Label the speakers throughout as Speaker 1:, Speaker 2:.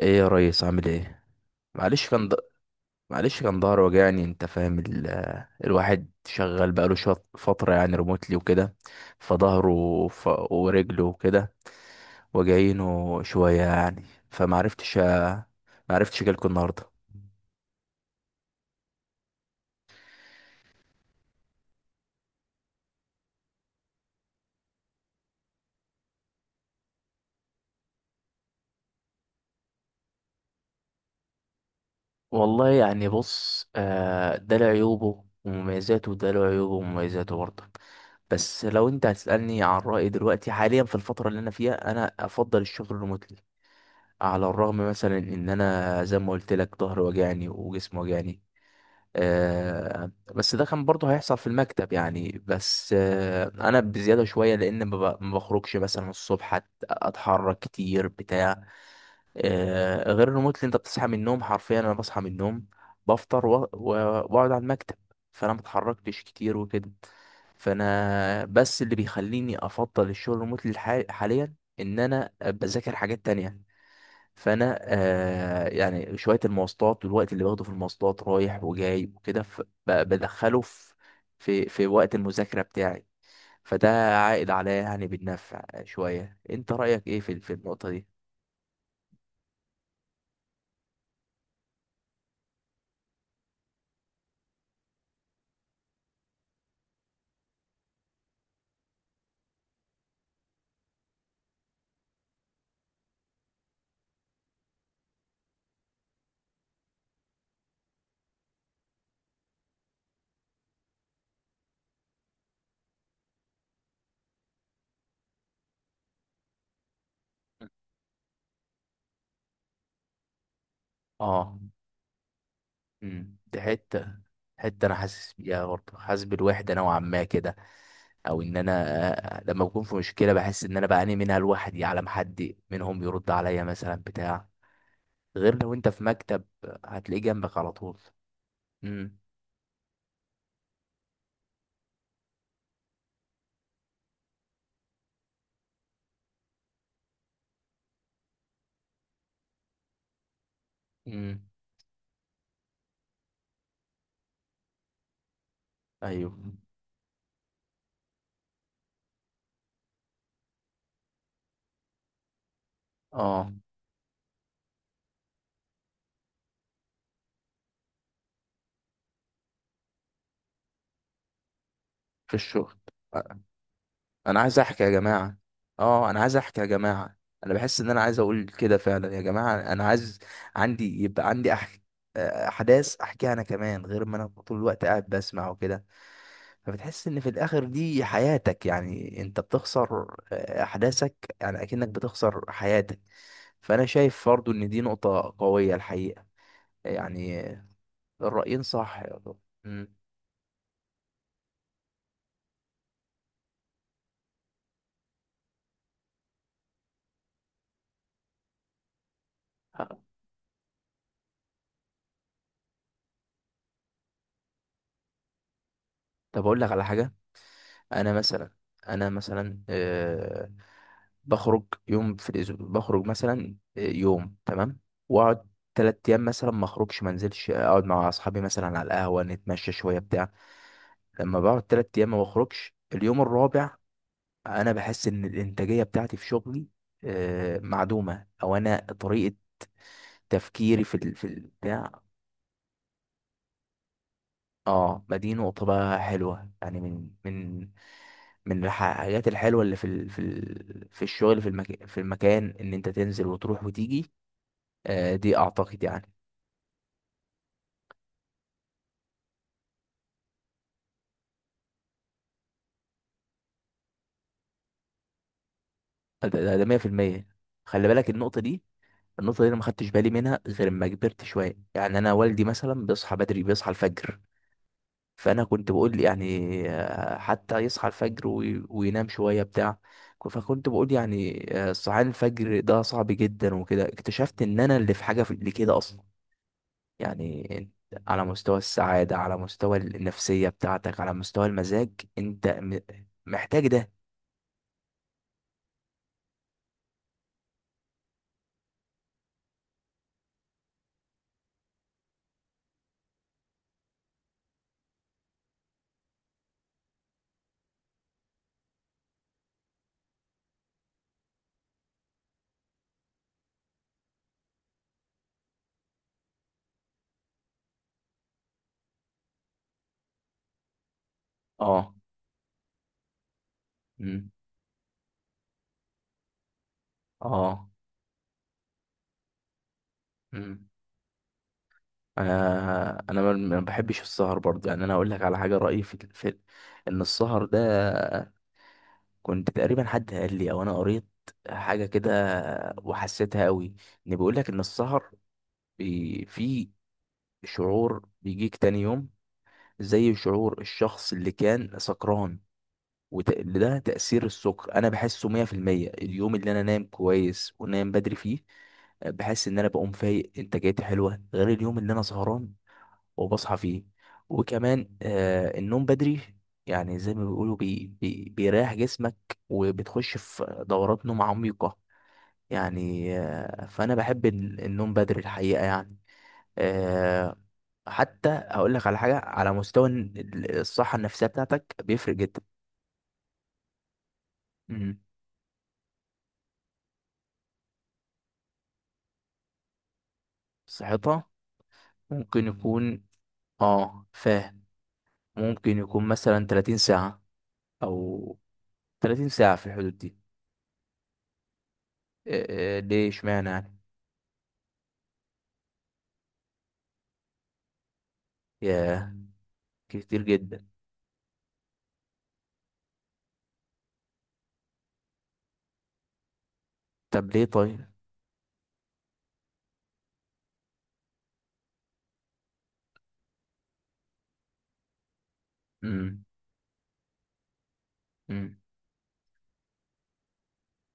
Speaker 1: ايه يا ريس، عامل ايه؟ معلش كان د... معلش كان ظهر وجعني. انت فاهم الواحد شغال بقاله شويه فتره، يعني ريموتلي وكده. فظهره ورجله وكده، وجعينه شويه يعني. فمعرفتش أ... معرفتش اجيلكوا النهارده. والله يعني بص، ده له عيوبه ومميزاته، وده له عيوبه ومميزاته برضه. بس لو انت هتسألني عن رأيي دلوقتي حاليا في الفترة اللي انا فيها، انا افضل الشغل ريموتلي. على الرغم مثلا ان انا زي ما قلت لك ظهري وجعني وجسمي وجعني. بس ده كان برضه هيحصل في المكتب يعني. بس انا بزياده شويه، لان ما بخرجش مثلا الصبح، اتحرك كتير بتاع. غير الريموت، اللي انت بتصحى من النوم حرفيا. انا بصحى من النوم، بفطر واقعد على المكتب. فانا ما اتحركتش كتير وكده. فانا بس اللي بيخليني افضل الشغل الريموت حاليا ان انا بذاكر حاجات تانية. فانا يعني شويه المواصلات، والوقت اللي باخده في المواصلات رايح وجاي وكده. بدخله في في وقت المذاكره بتاعي. فده عائد عليا يعني بالنفع شويه. انت رايك ايه في في النقطه دي؟ اه. دي حته انا حاسس بيها برضه، حاسس بالوحده نوعا ما كده. او ان انا، لما بكون في مشكله، بحس ان انا بعاني منها لوحدي على ما حد منهم يرد عليا مثلا بتاع. غير لو انت في مكتب، هتلاقيه جنبك على طول. امم. امم. ايوه. اه، في الشغل، انا عايز احكي يا جماعه. اه، انا عايز احكي يا جماعه. انا بحس ان انا عايز اقول كده فعلا يا جماعه. انا عايز، عندي، يبقى عندي احداث احكيها انا كمان، غير ما انا طول الوقت قاعد بسمع وكده. فبتحس ان في الاخر دي حياتك. يعني انت بتخسر، احداثك، يعني اكنك بتخسر حياتك. فانا شايف برضو ان دي نقطه قويه الحقيقه، يعني. الرايين صح يا طب. مم. طب اقول لك على حاجه. انا مثلا، انا مثلا، بخرج يوم في الاسبوع، بخرج مثلا يوم، تمام. واقعد تلات ايام مثلا ما اخرجش، ما انزلش، اقعد مع اصحابي مثلا على القهوه، نتمشى شويه بتاع. لما بقعد تلات ايام ما بخرجش، اليوم الرابع انا بحس ان الانتاجيه بتاعتي في شغلي معدومه، او انا طريقه تفكيري في في البتاع. اه، ما دي نقطة بقى حلوة. يعني من من الحاجات الحلوة اللي في الشغل، في المكان ان انت تنزل وتروح وتيجي. دي اعتقد يعني. ده 100%. خلي بالك النقطة دي انا ما خدتش بالي منها غير لما كبرت شوية. يعني انا والدي مثلا بيصحى بدري، بيصحى الفجر. فانا كنت بقول يعني حتى يصحى الفجر وينام شويه بتاع. فكنت بقول يعني صحيان الفجر ده صعب جدا وكده. اكتشفت ان انا اللي في حاجه في اللي كده اصلا، يعني. انت على مستوى السعاده، على مستوى النفسيه بتاعتك، على مستوى المزاج، انت محتاج ده. اه. مم. اه. مم. انا ما بحبش السهر برضه، يعني. انا اقول لك على حاجه، رايي في ان السهر ده، كنت تقريبا حد قال لي او انا قريت حاجه كده وحسيتها قوي. ان بيقول لك ان السهر في شعور بيجيك تاني يوم زي شعور الشخص اللي كان سكران. وده تأثير السكر، انا بحسه 100%. اليوم اللي انا نايم كويس ونايم بدري فيه، بحس ان انا بقوم فايق، انتاجيتي حلوه، غير اليوم اللي انا سهران وبصحى فيه. وكمان النوم بدري، يعني زي ما بيقولوا، بي بيريح جسمك وبتخش في دورات نوم عميقة يعني. فأنا بحب النوم بدري، الحقيقة يعني. آه حتى هقول لك على حاجة، على مستوى الصحة النفسية بتاعتك بيفرق جدا. مم. صحتها ممكن يكون، اه فاهم، ممكن يكون مثلا 30 ساعة، أو 30 ساعة، في الحدود دي. ليه اشمعنى يعني؟ ياه، كتير جدا. طب ليه طيب؟ مم. مم.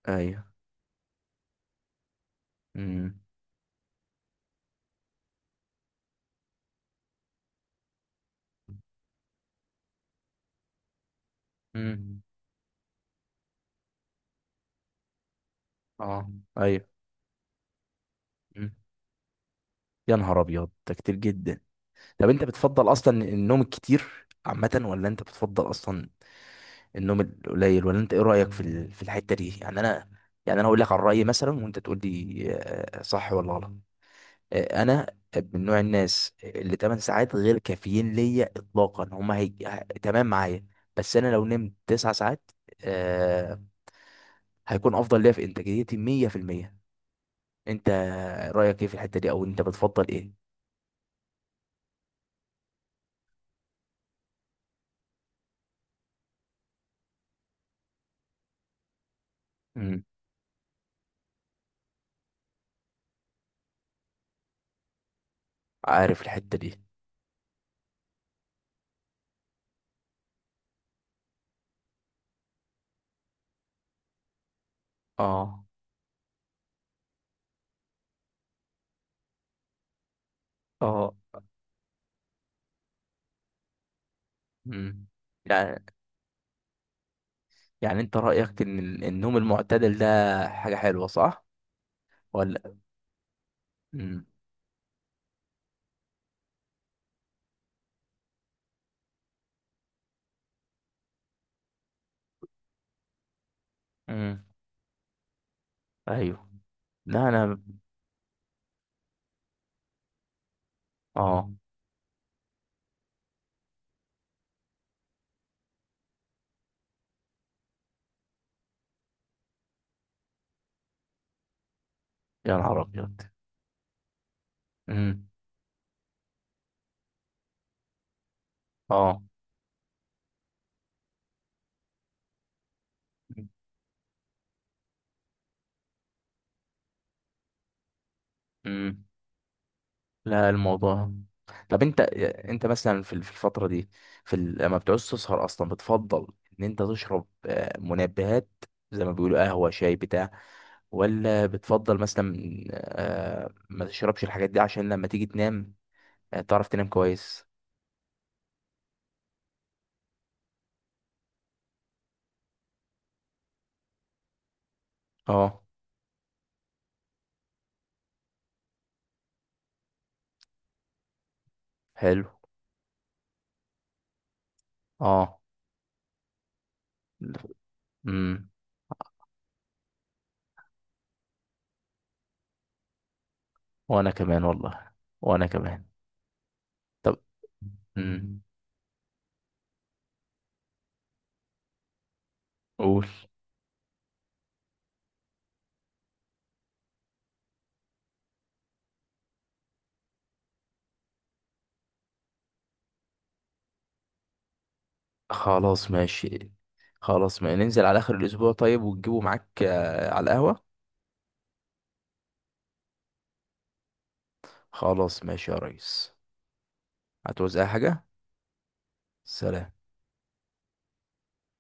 Speaker 1: ايوه. مم. مم. اه. ايوه. مم. يا نهار ابيض، ده كتير جدا. طب انت بتفضل اصلا النوم الكتير عامه، ولا انت بتفضل اصلا النوم القليل؟ ولا انت ايه رايك في في الحته دي؟ يعني انا، يعني انا اقول لك عن رايي مثلا، وانت تقول لي صح ولا غلط. انا من نوع الناس اللي 8 ساعات غير كافيين ليا اطلاقا، هما تمام معايا. بس انا لو نمت 9 ساعات، آه، هيكون افضل ليا في انتاجيتي 100%. انت رايك ايه في الحته دي، او انت بتفضل ايه؟ امم. عارف الحته دي. اه. اه. امم. يعني، انت رايك ان النوم المعتدل ده حاجه حلوه، صح ولا؟ امم. امم. ايوه. لا انا. اه. يا نهار ابيض. امم. اه. امم. لا الموضوع. طب انت، انت مثلا في في الفتره دي، في لما بتعوز تسهر اصلا، بتفضل ان انت تشرب منبهات، زي ما بيقولوا قهوه، شاي، بتاع؟ ولا بتفضل مثلا ما تشربش الحاجات دي عشان لما تيجي تنام تعرف تنام كويس؟ اه، حلو. اه. امم. وانا كمان والله. وانا كمان. طب، امم، قول. خلاص ماشي. خلاص، ما ننزل على اخر الاسبوع طيب، وتجيبه معاك على القهوه. خلاص ماشي يا ريس. هتعوز اي حاجة؟ سلام.